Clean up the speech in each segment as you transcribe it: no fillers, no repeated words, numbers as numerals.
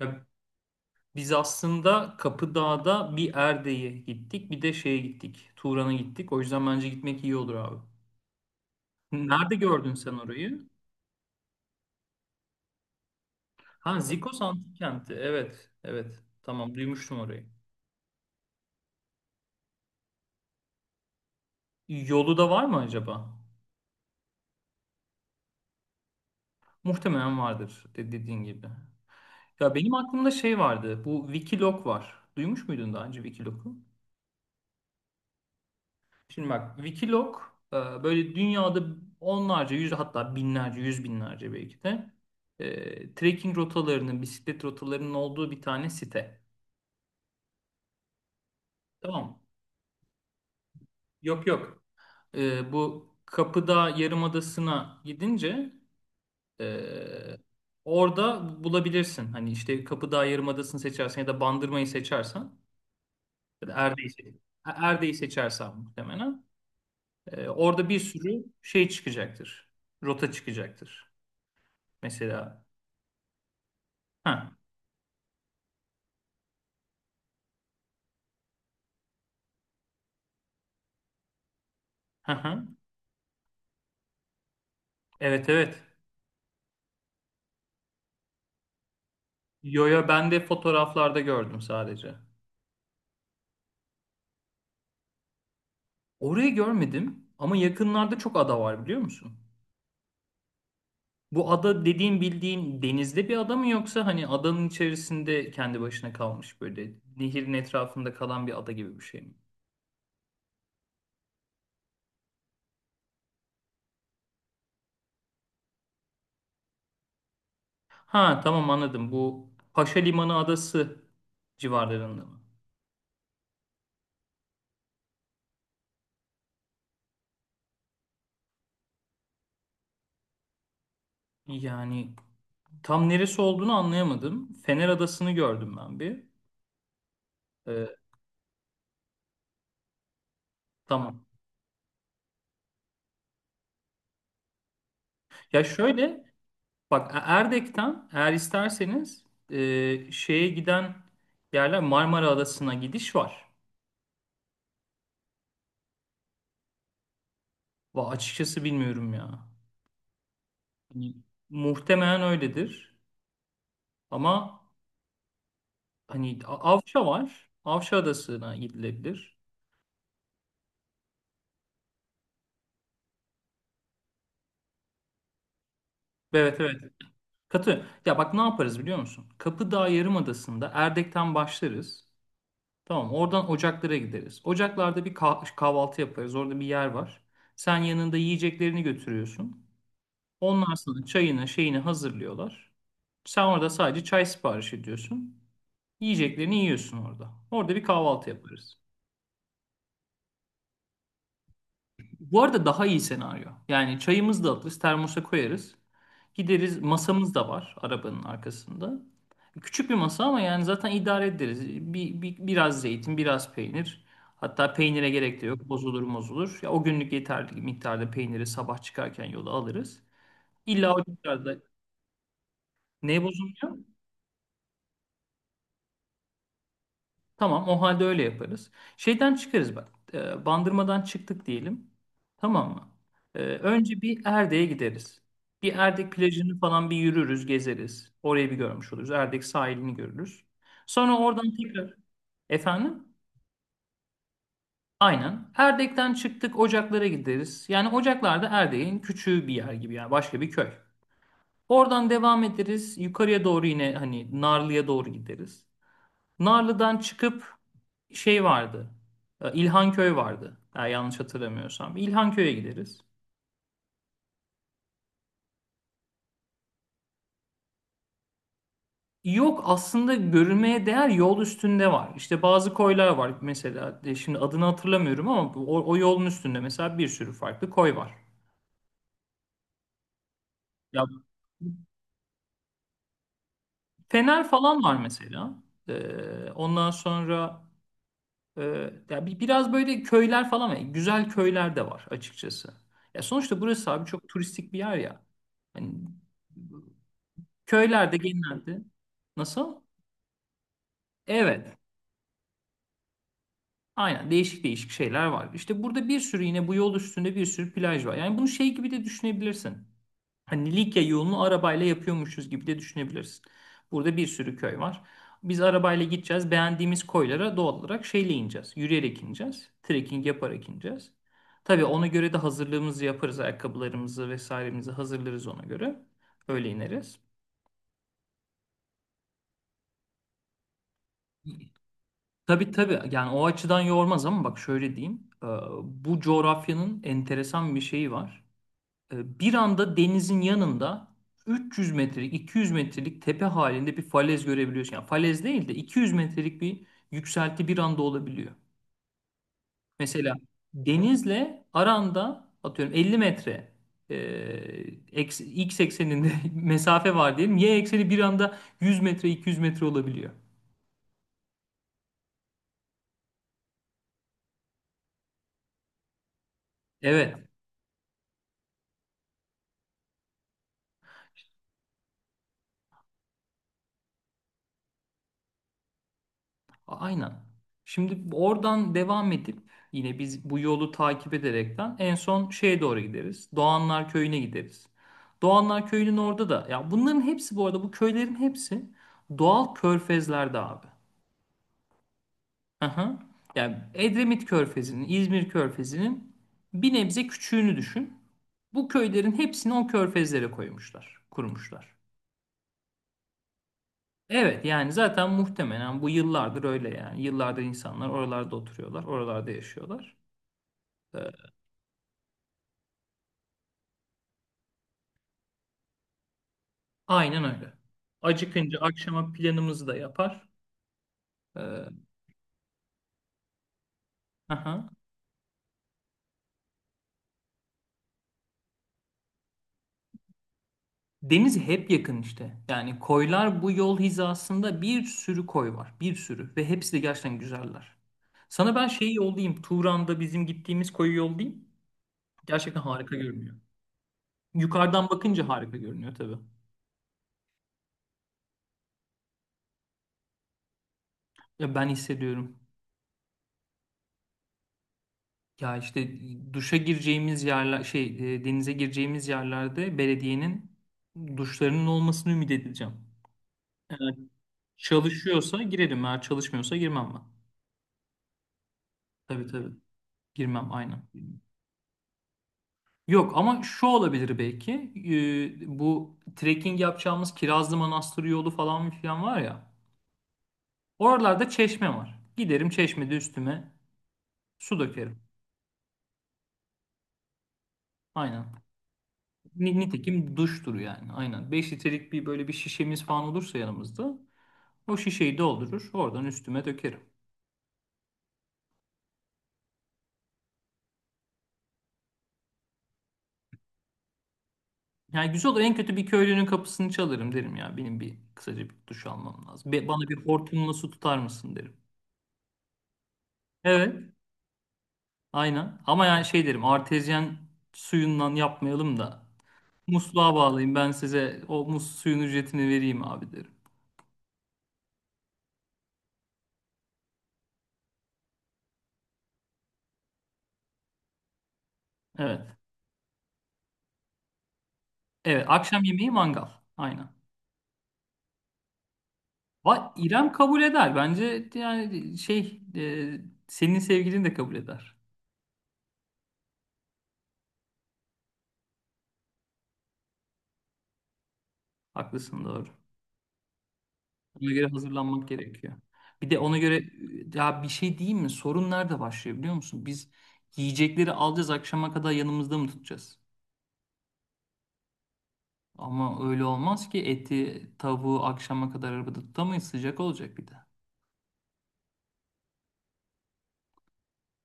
Ya biz aslında Kapıdağ'da bir Erde'ye gittik, bir de şeye gittik. Turan'a gittik. O yüzden bence gitmek iyi olur abi. Nerede gördün sen orayı? Ha Zikos Antik Kenti. Evet, evet. Tamam duymuştum orayı. Yolu da var mı acaba? Muhtemelen vardır dediğin gibi. Ya benim aklımda şey vardı. Bu Wikiloc var. Duymuş muydun daha önce Wikiloc'u? Şimdi bak Wikiloc e, böyle dünyada onlarca yüz hatta binlerce yüz binlerce belki de trekking rotalarının bisiklet rotalarının olduğu bir tane site. Tamam mı? Yok yok. Bu Kapıdağ Yarımadası'na gidince e, orada bulabilirsin. Hani işte Kapıdağ Yarımadası'nı seçersen ya da Bandırma'yı seçersen ya da Erde'yi seçersen muhtemelen orada bir sürü şey çıkacaktır. Rota çıkacaktır. Mesela. Ha, ha, ha. Evet, evet. Yo yo ben de fotoğraflarda gördüm sadece. Orayı görmedim ama yakınlarda çok ada var biliyor musun? Bu ada dediğin bildiğin denizde bir ada mı yoksa hani adanın içerisinde kendi başına kalmış böyle nehirin etrafında kalan bir ada gibi bir şey mi? Ha tamam anladım. Bu Paşa Limanı adası civarlarında mı? Yani tam neresi olduğunu anlayamadım. Fener Adası'nı gördüm ben bir. Ee, tamam. Ya şöyle, bak, Erdek'ten eğer isterseniz şeye giden yerler Marmara Adası'na gidiş var. Va açıkçası bilmiyorum ya. Hani muhtemelen öyledir. Ama hani Avşa var. Avşa Adası'na gidilebilir. Evet, evet. Katı. Ya bak ne yaparız biliyor musun? Kapıdağ Yarımadası'nda Erdek'ten başlarız. Tamam, oradan Ocaklar'a gideriz. Ocaklar'da bir kahvaltı yaparız. Orada bir yer var. Sen yanında yiyeceklerini götürüyorsun. Onlar sana çayını şeyini hazırlıyorlar. Sen orada sadece çay sipariş ediyorsun. Yiyeceklerini yiyorsun orada. Orada bir kahvaltı yaparız. Bu arada daha iyi senaryo. Yani çayımızı da alırız, termosa koyarız. Gideriz, masamız da var arabanın arkasında. Küçük bir masa ama yani zaten idare ederiz. Biraz zeytin, biraz peynir. Hatta peynire gerek de yok. Bozulur bozulur. Ya o günlük yeterli miktarda peyniri sabah çıkarken yola alırız. İlla o miktarda ne bozulmuyor? Tamam, o halde öyle yaparız. Şeyden çıkarız bak. Bandırmadan çıktık diyelim. Tamam mı? Önce bir Erdek'e gideriz. Bir Erdek plajını falan bir yürürüz, gezeriz. Orayı bir görmüş oluruz. Erdek sahilini görürüz. Sonra oradan tekrar efendim aynen Erdek'ten çıktık, Ocaklar'a gideriz. Yani Ocaklar da Erdek'in küçüğü bir yer gibi yani başka bir köy. Oradan devam ederiz. Yukarıya doğru yine hani Narlı'ya doğru gideriz. Narlı'dan çıkıp şey vardı. İlhanköy vardı. Eğer yanlış hatırlamıyorsam. İlhanköy'e gideriz. Yok aslında görülmeye değer yol üstünde var. İşte bazı koylar var mesela. Şimdi adını hatırlamıyorum ama o yolun üstünde mesela bir sürü farklı koy var. Ya Fener falan var mesela. Ondan sonra e, ya biraz böyle köyler falan var. Güzel köyler de var açıkçası. Ya sonuçta burası abi çok turistik bir yer ya. Hani köylerde genelde nasıl? Evet. Aynen değişik değişik şeyler var. İşte burada bir sürü yine bu yol üstünde bir sürü plaj var. Yani bunu şey gibi de düşünebilirsin. Hani Likya yolunu arabayla yapıyormuşuz gibi de düşünebilirsin. Burada bir sürü köy var. Biz arabayla gideceğiz. Beğendiğimiz koylara doğal olarak şeyle ineceğiz. Yürüyerek ineceğiz. Trekking yaparak ineceğiz. Tabii ona göre de hazırlığımızı yaparız. Ayakkabılarımızı vesairemizi hazırlarız ona göre. Öyle ineriz. Tabii tabii yani o açıdan yormaz ama bak şöyle diyeyim. Bu coğrafyanın enteresan bir şeyi var. Bir anda denizin yanında 300 metrelik 200 metrelik tepe halinde bir falez görebiliyorsun. Yani falez değil de 200 metrelik bir yükselti bir anda olabiliyor. Mesela denizle aranda atıyorum 50 metre e, x ekseninde mesafe var diyelim. Y ekseni bir anda 100 metre 200 metre olabiliyor. Evet. Aynen. Şimdi oradan devam edip yine biz bu yolu takip ederekten en son şeye doğru gideriz. Doğanlar Köyü'ne gideriz. Doğanlar Köyü'nün orada da ya bunların hepsi bu arada bu köylerin hepsi doğal körfezlerde abi. Aha. Yani Edremit Körfezi'nin, İzmir Körfezi'nin bir nebze küçüğünü düşün. Bu köylerin hepsini o körfezlere koymuşlar, kurmuşlar. Evet yani zaten muhtemelen bu yıllardır öyle yani. Yıllardır insanlar oralarda oturuyorlar, oralarda yaşıyorlar. Ee, Aynen öyle. Acıkınca akşama planımızı da yapar. Ee, aha. Deniz hep yakın işte. Yani koylar bu yol hizasında bir sürü koy var. Bir sürü. Ve hepsi de gerçekten güzeller. Sana ben şeyi yollayayım. Turan'da bizim gittiğimiz koyu yollayayım. Gerçekten harika görünüyor. Yukarıdan bakınca harika görünüyor tabii. Ya ben hissediyorum. Ya işte duşa gireceğimiz yerler denize gireceğimiz yerlerde belediyenin duşlarının olmasını ümit edeceğim. Evet. Çalışıyorsa girelim, eğer çalışmıyorsa girmem ben. Tabii tabii. Girmem aynen. Yok ama şu olabilir belki. Bu trekking yapacağımız Kirazlı Manastır yolu falan filan var ya. Oralarda çeşme var. Giderim çeşmede üstüme su dökerim. Aynen. Nitekim duştur yani. Aynen. 5 litrelik bir böyle bir şişemiz falan olursa yanımızda o şişeyi doldurur. Oradan üstüme dökerim. Yani güzel olur. En kötü bir köylünün kapısını çalarım derim ya. Benim bir kısaca bir duş almam lazım. Bana bir hortumla su tutar mısın derim. Evet. Aynen. Ama yani şey derim. Artezyen suyundan yapmayalım da musluğa bağlayayım. Ben size o mus suyun ücretini vereyim abi derim. Evet. Evet. Akşam yemeği mangal. Aynen. Va İrem kabul eder. Bence yani şey senin sevgilin de kabul eder. Haklısın doğru. Ona göre hazırlanmak gerekiyor. Bir de ona göre ya bir şey diyeyim mi? Sorun nerede başlıyor biliyor musun? Biz yiyecekleri alacağız akşama kadar yanımızda mı tutacağız? Ama öyle olmaz ki eti, tavuğu akşama kadar arabada tutamayız. Sıcak olacak bir de.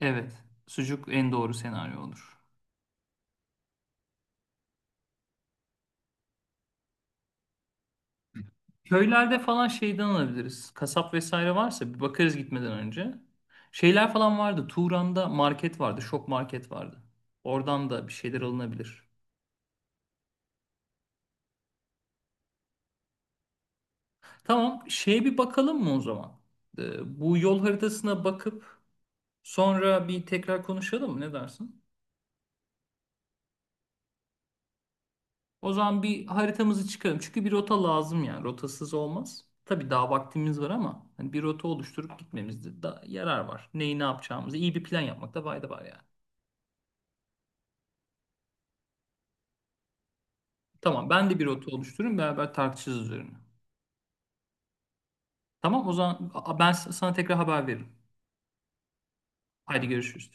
Evet, sucuk en doğru senaryo olur. Köylerde falan şeyden alabiliriz. Kasap vesaire varsa bir bakarız gitmeden önce. Şeyler falan vardı. Turan'da market vardı. Şok market vardı. Oradan da bir şeyler alınabilir. Tamam, şeye bir bakalım mı o zaman? Bu yol haritasına bakıp sonra bir tekrar konuşalım mı? Ne dersin? O zaman bir haritamızı çıkaralım. Çünkü bir rota lazım yani. Rotasız olmaz. Tabii daha vaktimiz var ama hani bir rota oluşturup gitmemizde da yarar var. Neyi ne yapacağımızı iyi bir plan yapmakta fayda var yani. Tamam, ben de bir rota oluştururum beraber tartışırız üzerine. Tamam, o zaman ben sana tekrar haber veririm. Haydi görüşürüz.